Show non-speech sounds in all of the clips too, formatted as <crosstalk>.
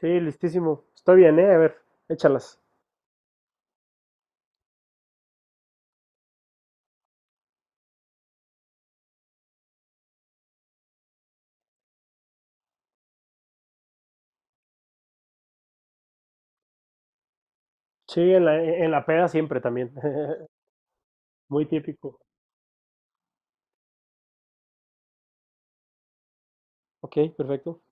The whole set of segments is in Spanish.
Sí, listísimo. Está bien, ¿eh? A ver, échalas. Sí, en la peda siempre también. <laughs> Muy típico. Ok, perfecto.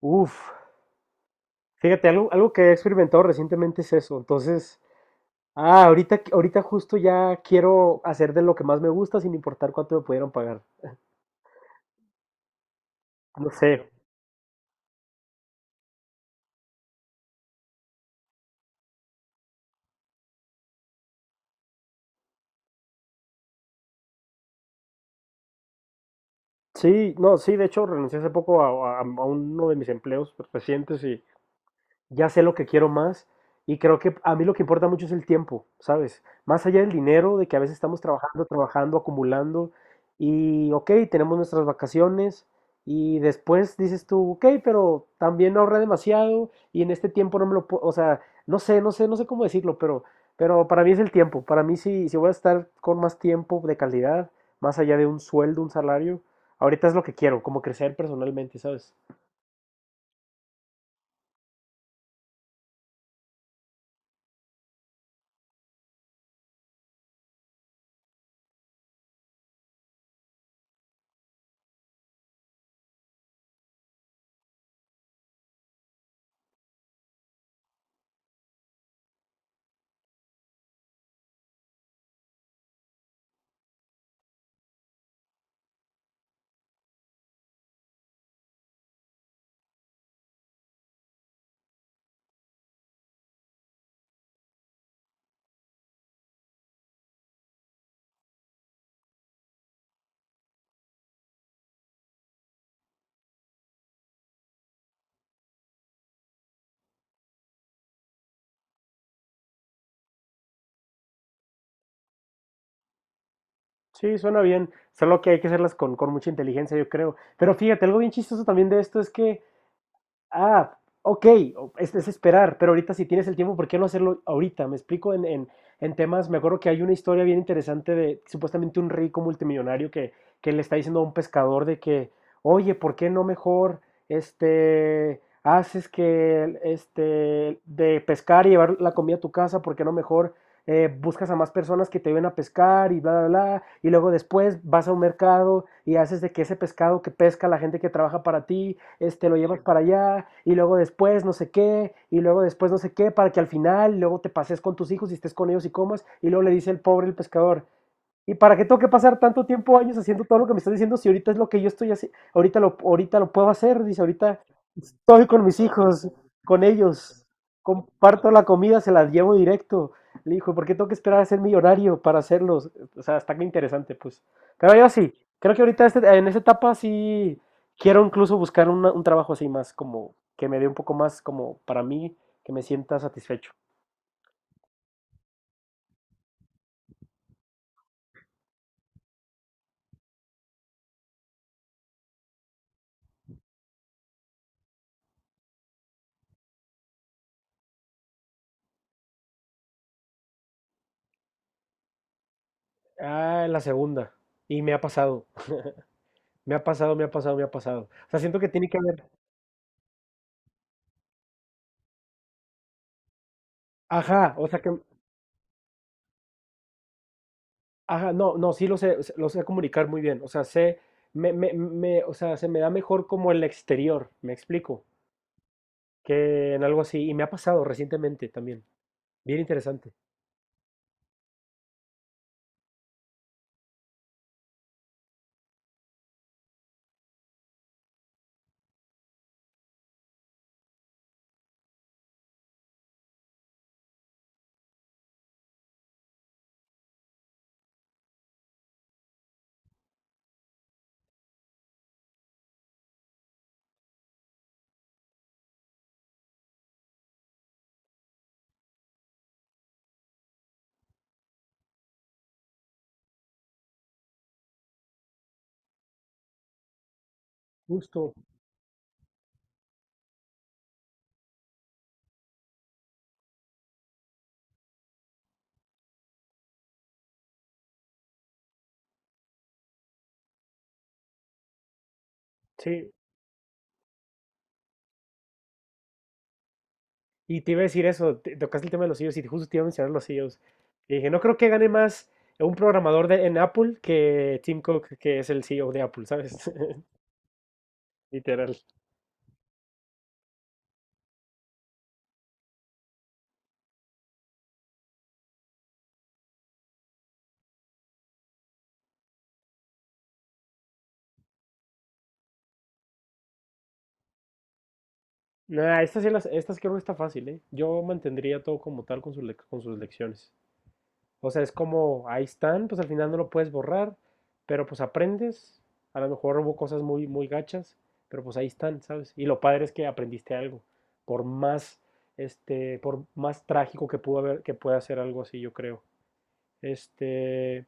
Uf, fíjate, algo que he experimentado recientemente es eso. Entonces, ahorita justo ya quiero hacer de lo que más me gusta sin importar cuánto me pudieran pagar. No sé. Sí, no, sí, de hecho renuncié hace poco a uno de mis empleos recientes y ya sé lo que quiero más y creo que a mí lo que importa mucho es el tiempo, ¿sabes? Más allá del dinero, de que a veces estamos trabajando, trabajando, acumulando y, ok, tenemos nuestras vacaciones y después dices tú, ok, pero también ahorré demasiado y en este tiempo no me lo puedo, o sea, no sé cómo decirlo, pero para mí es el tiempo, para mí si voy a estar con más tiempo de calidad, más allá de un sueldo, un salario, ahorita es lo que quiero, como crecer personalmente, ¿sabes? Sí, suena bien. Solo que hay que hacerlas con mucha inteligencia, yo creo. Pero fíjate, algo bien chistoso también de esto es que, ok, es esperar, pero ahorita si tienes el tiempo, ¿por qué no hacerlo ahorita? Me explico en temas, me acuerdo que hay una historia bien interesante de supuestamente un rico multimillonario que le está diciendo a un pescador de que, oye, ¿por qué no mejor este, haces que, este, de pescar y llevar la comida a tu casa? ¿Por qué no mejor? Eh, buscas a más personas que te ayuden a pescar y bla, bla, bla, y luego después vas a un mercado y haces de que ese pescado que pesca la gente que trabaja para ti, este, lo llevas para allá, y luego después no sé qué, y luego después no sé qué, para que al final luego te pases con tus hijos y estés con ellos y comas, y luego le dice el pobre el pescador, ¿y para qué tengo que pasar tanto tiempo, años haciendo todo lo que me estás diciendo si ahorita es lo que yo estoy haciendo, ahorita lo puedo hacer, dice, ahorita estoy con mis hijos, con ellos. Comparto la comida, se la llevo directo. Le dijo, ¿por qué tengo que esperar a ser millonario para hacerlos? O sea, está que interesante, pues. Pero yo sí, creo que ahorita este- en esta etapa sí quiero incluso buscar una- un trabajo así más como que me dé un poco más como para mí, que me sienta satisfecho. Ah, la segunda. Y me ha pasado, me ha pasado, me ha pasado, me ha pasado. O sea, siento que tiene que haber. Ajá, o sea que ajá, no, no, sí lo sé comunicar muy bien. O sea, sé, o sea, se me da mejor como el exterior, me explico, que en algo así. Y me ha pasado recientemente también. Bien interesante. Justo, sí. Y te iba a decir eso, te- tocaste el tema de los CEOs y justo te iba a mencionar los CEOs. Y dije, no creo que gane más un programador de, en Apple que Tim Cook, que es el CEO de Apple, ¿sabes? <laughs> Literal. Nah, estas, sí las- estas creo que no está fácil, ¿eh? Yo mantendría todo como tal con sus, lec- con sus lecciones. O sea, es como, ahí están, pues al final no lo puedes borrar, pero pues aprendes. A lo mejor hubo cosas muy, muy gachas, pero pues ahí están, ¿sabes? Y lo padre es que aprendiste algo, por más, este, por más trágico que pudo haber, que pueda ser algo así, yo creo. Este,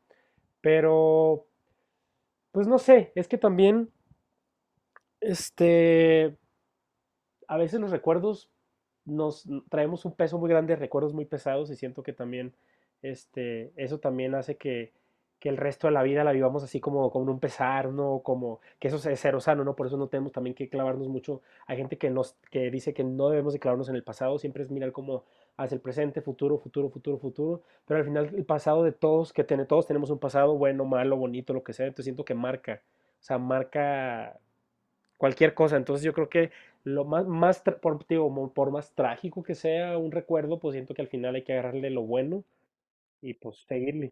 pero, pues no sé, es que también, este, a veces los recuerdos nos traemos un peso muy grande, recuerdos muy pesados y siento que también este, eso también hace que el resto de la vida la vivamos así como con un pesar, ¿no? Como que eso es cero sano, ¿no? Por eso no tenemos también que clavarnos mucho. Hay gente que, nos, que dice que no debemos de clavarnos en el pasado, siempre es mirar como hacia el presente, futuro, pero al final el pasado de todos, que tiene, todos tenemos un pasado bueno, malo, bonito, lo que sea, entonces siento que marca, o sea, marca cualquier cosa. Entonces yo creo que lo más, más por, digo, por más trágico que sea un recuerdo, pues siento que al final hay que agarrarle lo bueno y pues seguirle.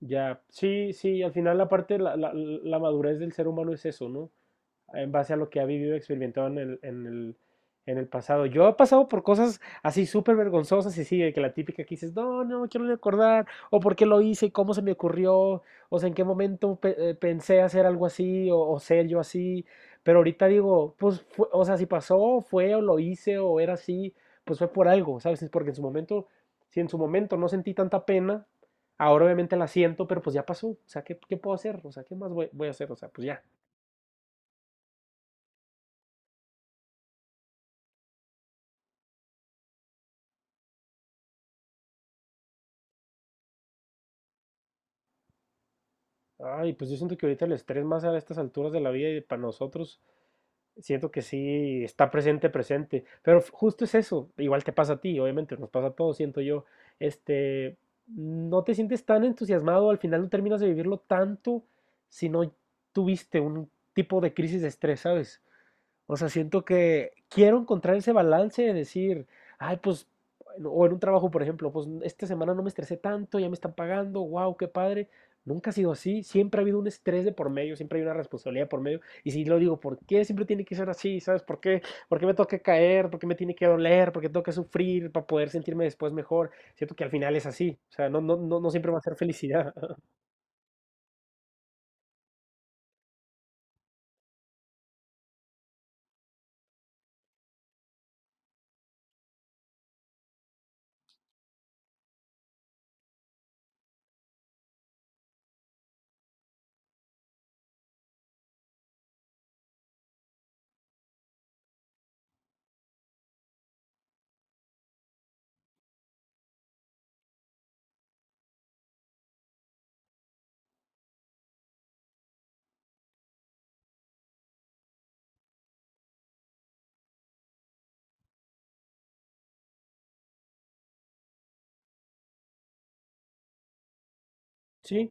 Ya, sí, sí, al final la parte, la madurez del ser humano es eso, ¿no? En base a lo que ha vivido, experimentado en el pasado. Yo he pasado por cosas así súper vergonzosas y sí, de que la típica que dices, no, no quiero recordar, o por qué lo hice, cómo se me ocurrió, o sea, en qué momento pensé hacer algo así, o ser yo así. Pero ahorita digo, pues, fue- o sea, si pasó, fue, o lo hice, o era así, pues fue por algo, ¿sabes? Es porque en su momento, si en su momento no sentí tanta pena, ahora obviamente la siento, pero pues ya pasó, o sea, ¿qué puedo hacer? O sea, ¿qué más voy a hacer? O sea, pues ya, ay, pues yo siento que ahorita el estrés más a estas alturas de la vida y para nosotros, siento que sí está presente, presente. Pero f- justo es eso, igual te pasa a ti, obviamente, nos pasa a todos, siento yo. Este, no te sientes tan entusiasmado, al final no terminas de vivirlo tanto si no tuviste un tipo de crisis de estrés, ¿sabes? O sea, siento que quiero encontrar ese balance de decir, ay, pues, bueno, o en un trabajo, por ejemplo, pues esta semana no me estresé tanto, ya me están pagando, wow, qué padre. Nunca ha sido así, siempre ha habido un estrés de por medio, siempre hay una responsabilidad por medio. Y si lo digo, ¿por qué siempre tiene que ser así? ¿Sabes por qué? ¿Por qué me toca caer? ¿Por qué me tiene que doler? ¿Por qué tengo que sufrir para poder sentirme después mejor? Siento que al final es así, o sea, no siempre va a ser felicidad. <laughs> Sí.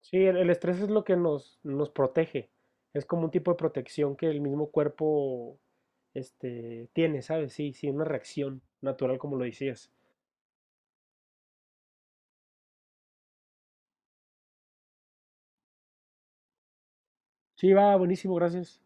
Sí, el estrés es lo que nos protege. Es como un tipo de protección que el mismo cuerpo este, tiene, ¿sabes? Sí, sí, una reacción natural, como lo decías. Sí, va, buenísimo, gracias.